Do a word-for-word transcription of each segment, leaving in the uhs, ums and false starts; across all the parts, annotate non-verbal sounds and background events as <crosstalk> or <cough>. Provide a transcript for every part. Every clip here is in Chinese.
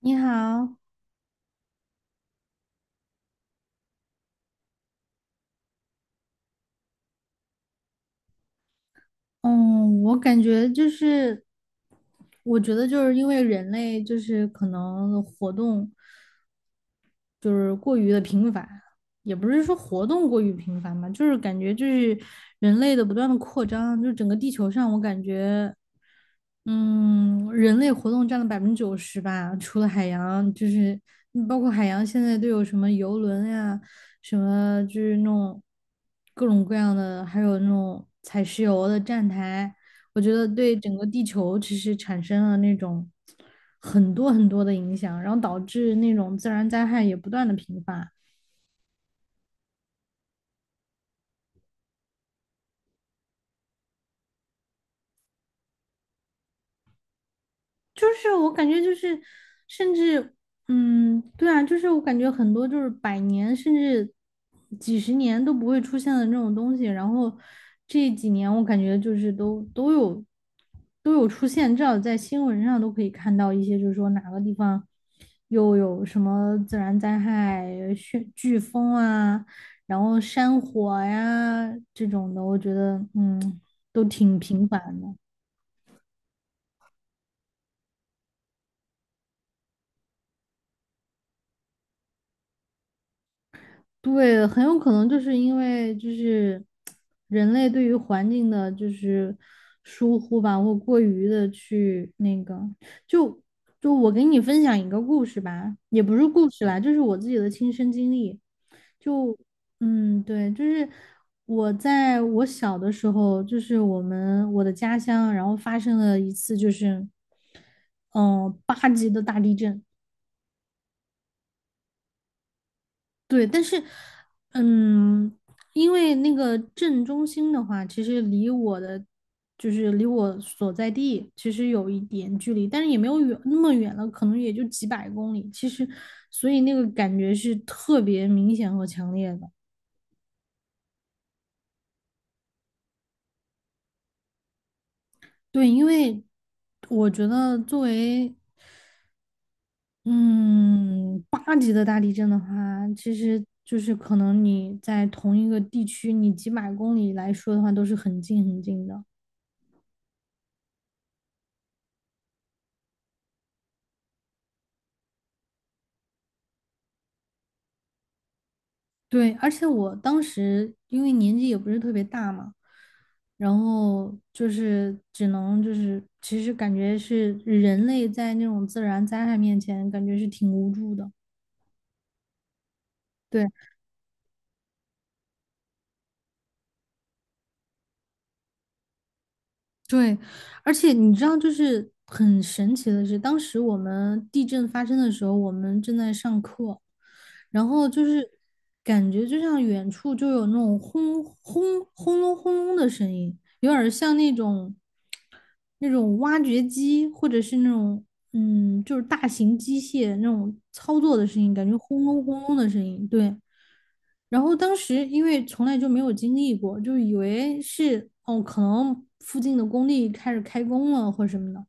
你好，嗯，我感觉就是，我觉得就是因为人类就是可能活动就是过于的频繁，也不是说活动过于频繁吧，就是感觉就是人类的不断的扩张，就整个地球上我感觉嗯，人类活动占了百分之九十吧，除了海洋，就是嗯包括海洋现在都有什么游轮呀，什么就是那种各种各样的，还有那种采石油的站台，我觉得对整个地球其实产生了那种很多很多的影响，然后导致那种自然灾害也不断的频发。就是我感觉就是，甚至，嗯，对啊，就是我感觉很多就是百年甚至几十年都不会出现的那种东西，然后这几年我感觉就是都都有都有出现，至少在新闻上都可以看到一些，就是说哪个地方又有什么自然灾害、旋飓风啊，然后山火呀这种的，我觉得嗯都挺频繁的。对，很有可能就是因为就是人类对于环境的，就是疏忽吧，或过于的去那个，就就我给你分享一个故事吧，也不是故事啦，就是我自己的亲身经历。就嗯，对，就是我在我小的时候，就是我们我的家乡，然后发生了一次就是嗯呃八级的大地震。对，但是，嗯，因为那个镇中心的话，其实离我的就是离我所在地其实有一点距离，但是也没有远那么远了，可能也就几百公里。其实，所以那个感觉是特别明显和强烈的。对，因为我觉得作为嗯八级的大地震的话，其实就是可能你在同一个地区，你几百公里来说的话，都是很近很近的。对，而且我当时因为年纪也不是特别大嘛，然后就是只能就是，其实感觉是人类在那种自然灾害面前，感觉是挺无助的。对。对，而且你知道，就是很神奇的是，当时我们地震发生的时候，我们正在上课，然后就是感觉就像远处就有那种轰轰轰隆轰隆的声音，有点儿像那种那种挖掘机或者是那种嗯，就是大型机械那种操作的声音，感觉轰隆轰隆的声音。对，然后当时因为从来就没有经历过，就以为是哦，可能附近的工地开始开工了或什么的。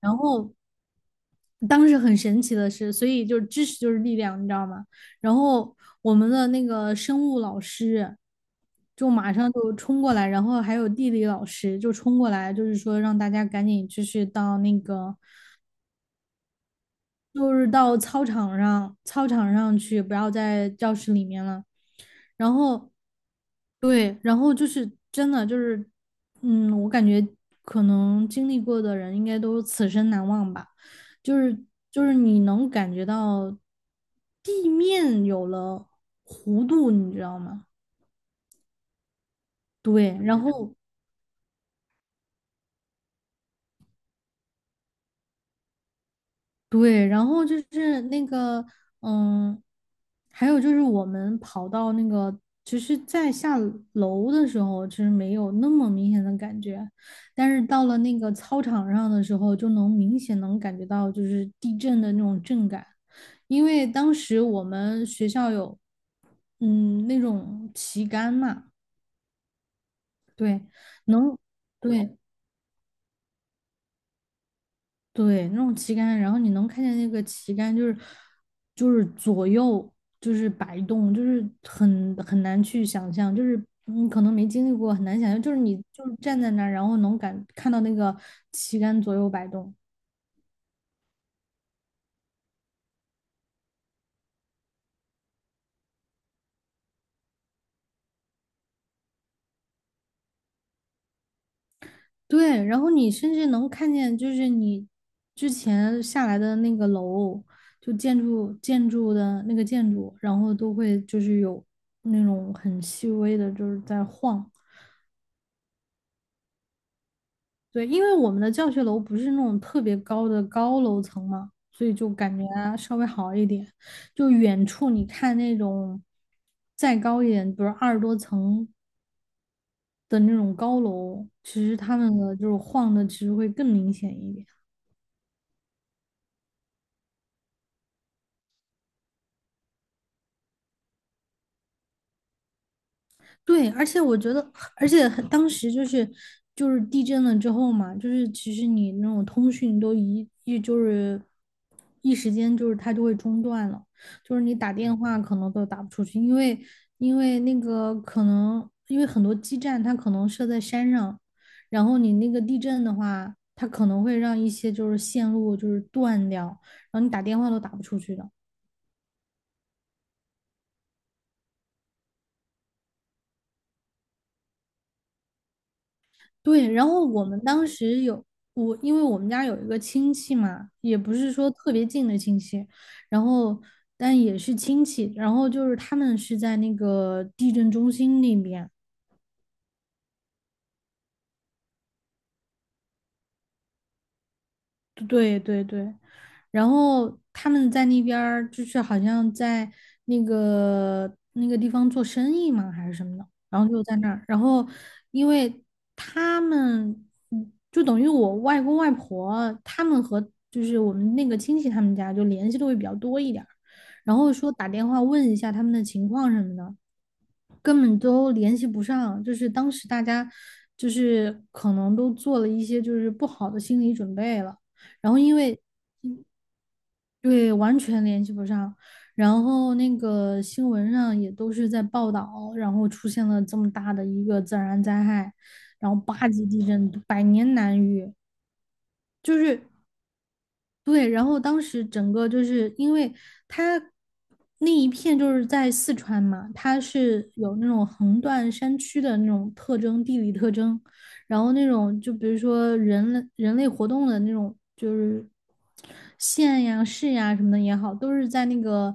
然后当时很神奇的是，所以就是知识就是力量，你知道吗？然后我们的那个生物老师就马上就冲过来，然后还有地理老师就冲过来，就是说让大家赶紧就是到那个就是到操场上，操场上去，不要在教室里面了。然后，对，然后就是真的就是，嗯，我感觉可能经历过的人应该都此生难忘吧。就是就是你能感觉到地面有了弧度，你知道吗？对，然后对，然后就是那个，嗯，还有就是我们跑到那个，其实，在下楼的时候，其实没有那么明显的感觉，但是到了那个操场上的时候，就能明显能感觉到就是地震的那种震感，因为当时我们学校有，嗯，那种旗杆嘛，对，能，对，对，那种旗杆，然后你能看见那个旗杆，就是就是左右就是摆动，就是很很难去想象，就是你可能没经历过，很难想象，就是你就是站在那儿，然后能感看到那个旗杆左右摆动，对，然后你甚至能看见，就是你之前下来的那个楼，就建筑建筑的那个建筑，然后都会就是有那种很细微的，就是在晃。对，因为我们的教学楼不是那种特别高的高楼层嘛，所以就感觉啊稍微好一点。就远处你看那种再高一点，比如二十多层的那种高楼，其实他们的就是晃的其实会更明显一点。对，而且我觉得，而且很当时就是就是地震了之后嘛，就是其实你那种通讯都一一就是一时间就是它就会中断了，就是你打电话可能都打不出去，因为因为那个可能因为很多基站它可能设在山上，然后你那个地震的话，它可能会让一些就是线路就是断掉，然后你打电话都打不出去的。对，然后我们当时有我，因为我们家有一个亲戚嘛，也不是说特别近的亲戚，然后但也是亲戚，然后就是他们是在那个地震中心那边，对对对，然后他们在那边儿就是好像在那个那个地方做生意嘛，还是什么的，然后就在那儿，然后因为他们嗯就等于我外公外婆他们和就是我们那个亲戚他们家就联系的会比较多一点儿然后说打电话问一下他们的情况什么的，根本都联系不上，就是当时大家就是可能都做了一些就是不好的心理准备了，然后因为对完全联系不上，然后那个新闻上也都是在报道，然后出现了这么大的一个自然灾害，然后八级地震，百年难遇，就是。对，然后当时整个就是因为它那一片就是在四川嘛，它是有那种横断山区的那种特征，地理特征，然后那种就比如说人类人类活动的那种，就是县呀、市呀什么的也好，都是在那个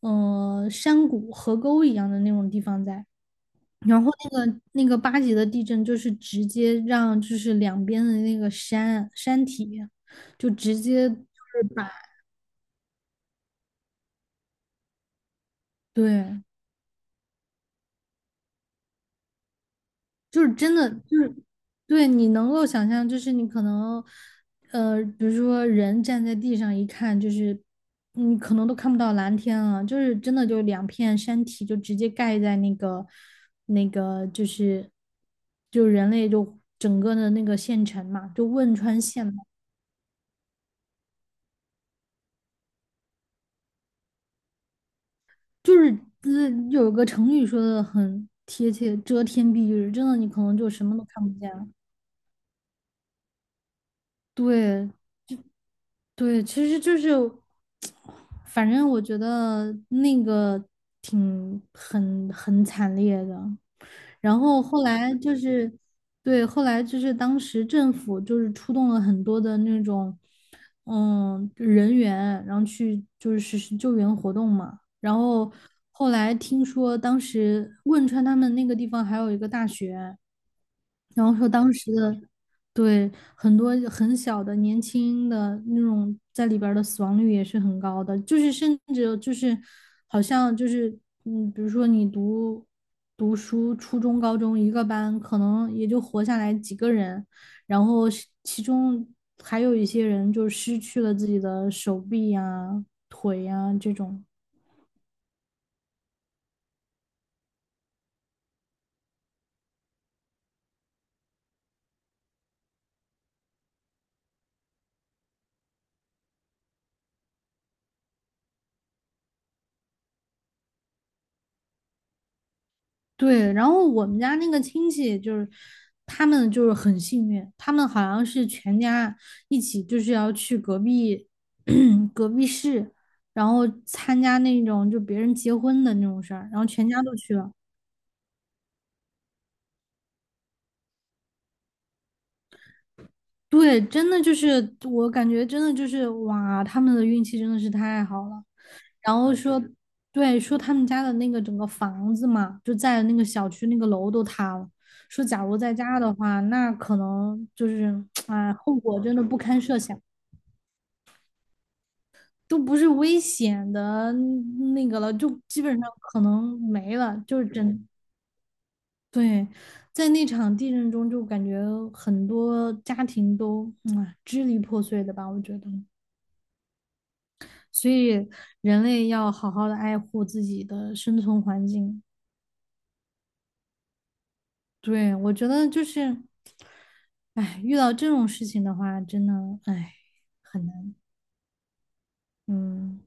嗯呃山谷、河沟一样的那种地方在。然后那个那个八级的地震，就是直接让就是两边的那个山山体，就直接就是把对，就是真的就是对你能够想象，就是你可能呃，比如说人站在地上一看，就是你可能都看不到蓝天了，就是真的就两片山体就直接盖在那个那个就是就人类就整个的那个县城嘛，就汶川县。就是呃，有个成语说的很贴切，遮天蔽日，真的你可能就什么都看不见了。对，对，其实就是，反正我觉得那个挺很很惨烈的。然后后来就是，对，后来就是当时政府就是出动了很多的那种，嗯，人员，然后去就是实施救援活动嘛。然后后来听说当时汶川他们那个地方还有一个大学，然后说当时的，对，很多很小的年轻的那种在里边儿的死亡率也是很高的，就是甚至就是好像就是嗯，比如说你读读书，初中、高中一个班，可能也就活下来几个人，然后是其中还有一些人就失去了自己的手臂呀、腿呀这种。对，然后我们家那个亲戚就是，他们就是很幸运，他们好像是全家一起就是要去隔壁 <clears throat> 隔壁市，然后参加那种就别人结婚的那种事儿，然后全家都去了。对，真的就是我感觉真的就是哇，他们的运气真的是太好了。然后说，对，说他们家的那个整个房子嘛，就在那个小区那个楼都塌了。说假如在家的话，那可能就是啊、哎后果真的不堪设想，都不是危险的那个了，就基本上可能没了，就是真对。在那场地震中，就感觉很多家庭都啊、支离破碎的吧，我觉得。所以人类要好好的爱护自己的生存环境。对，我觉得就是，哎，遇到这种事情的话，真的，哎，很难。嗯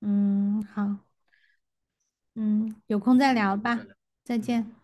嗯，好，嗯，有空再聊吧，再见。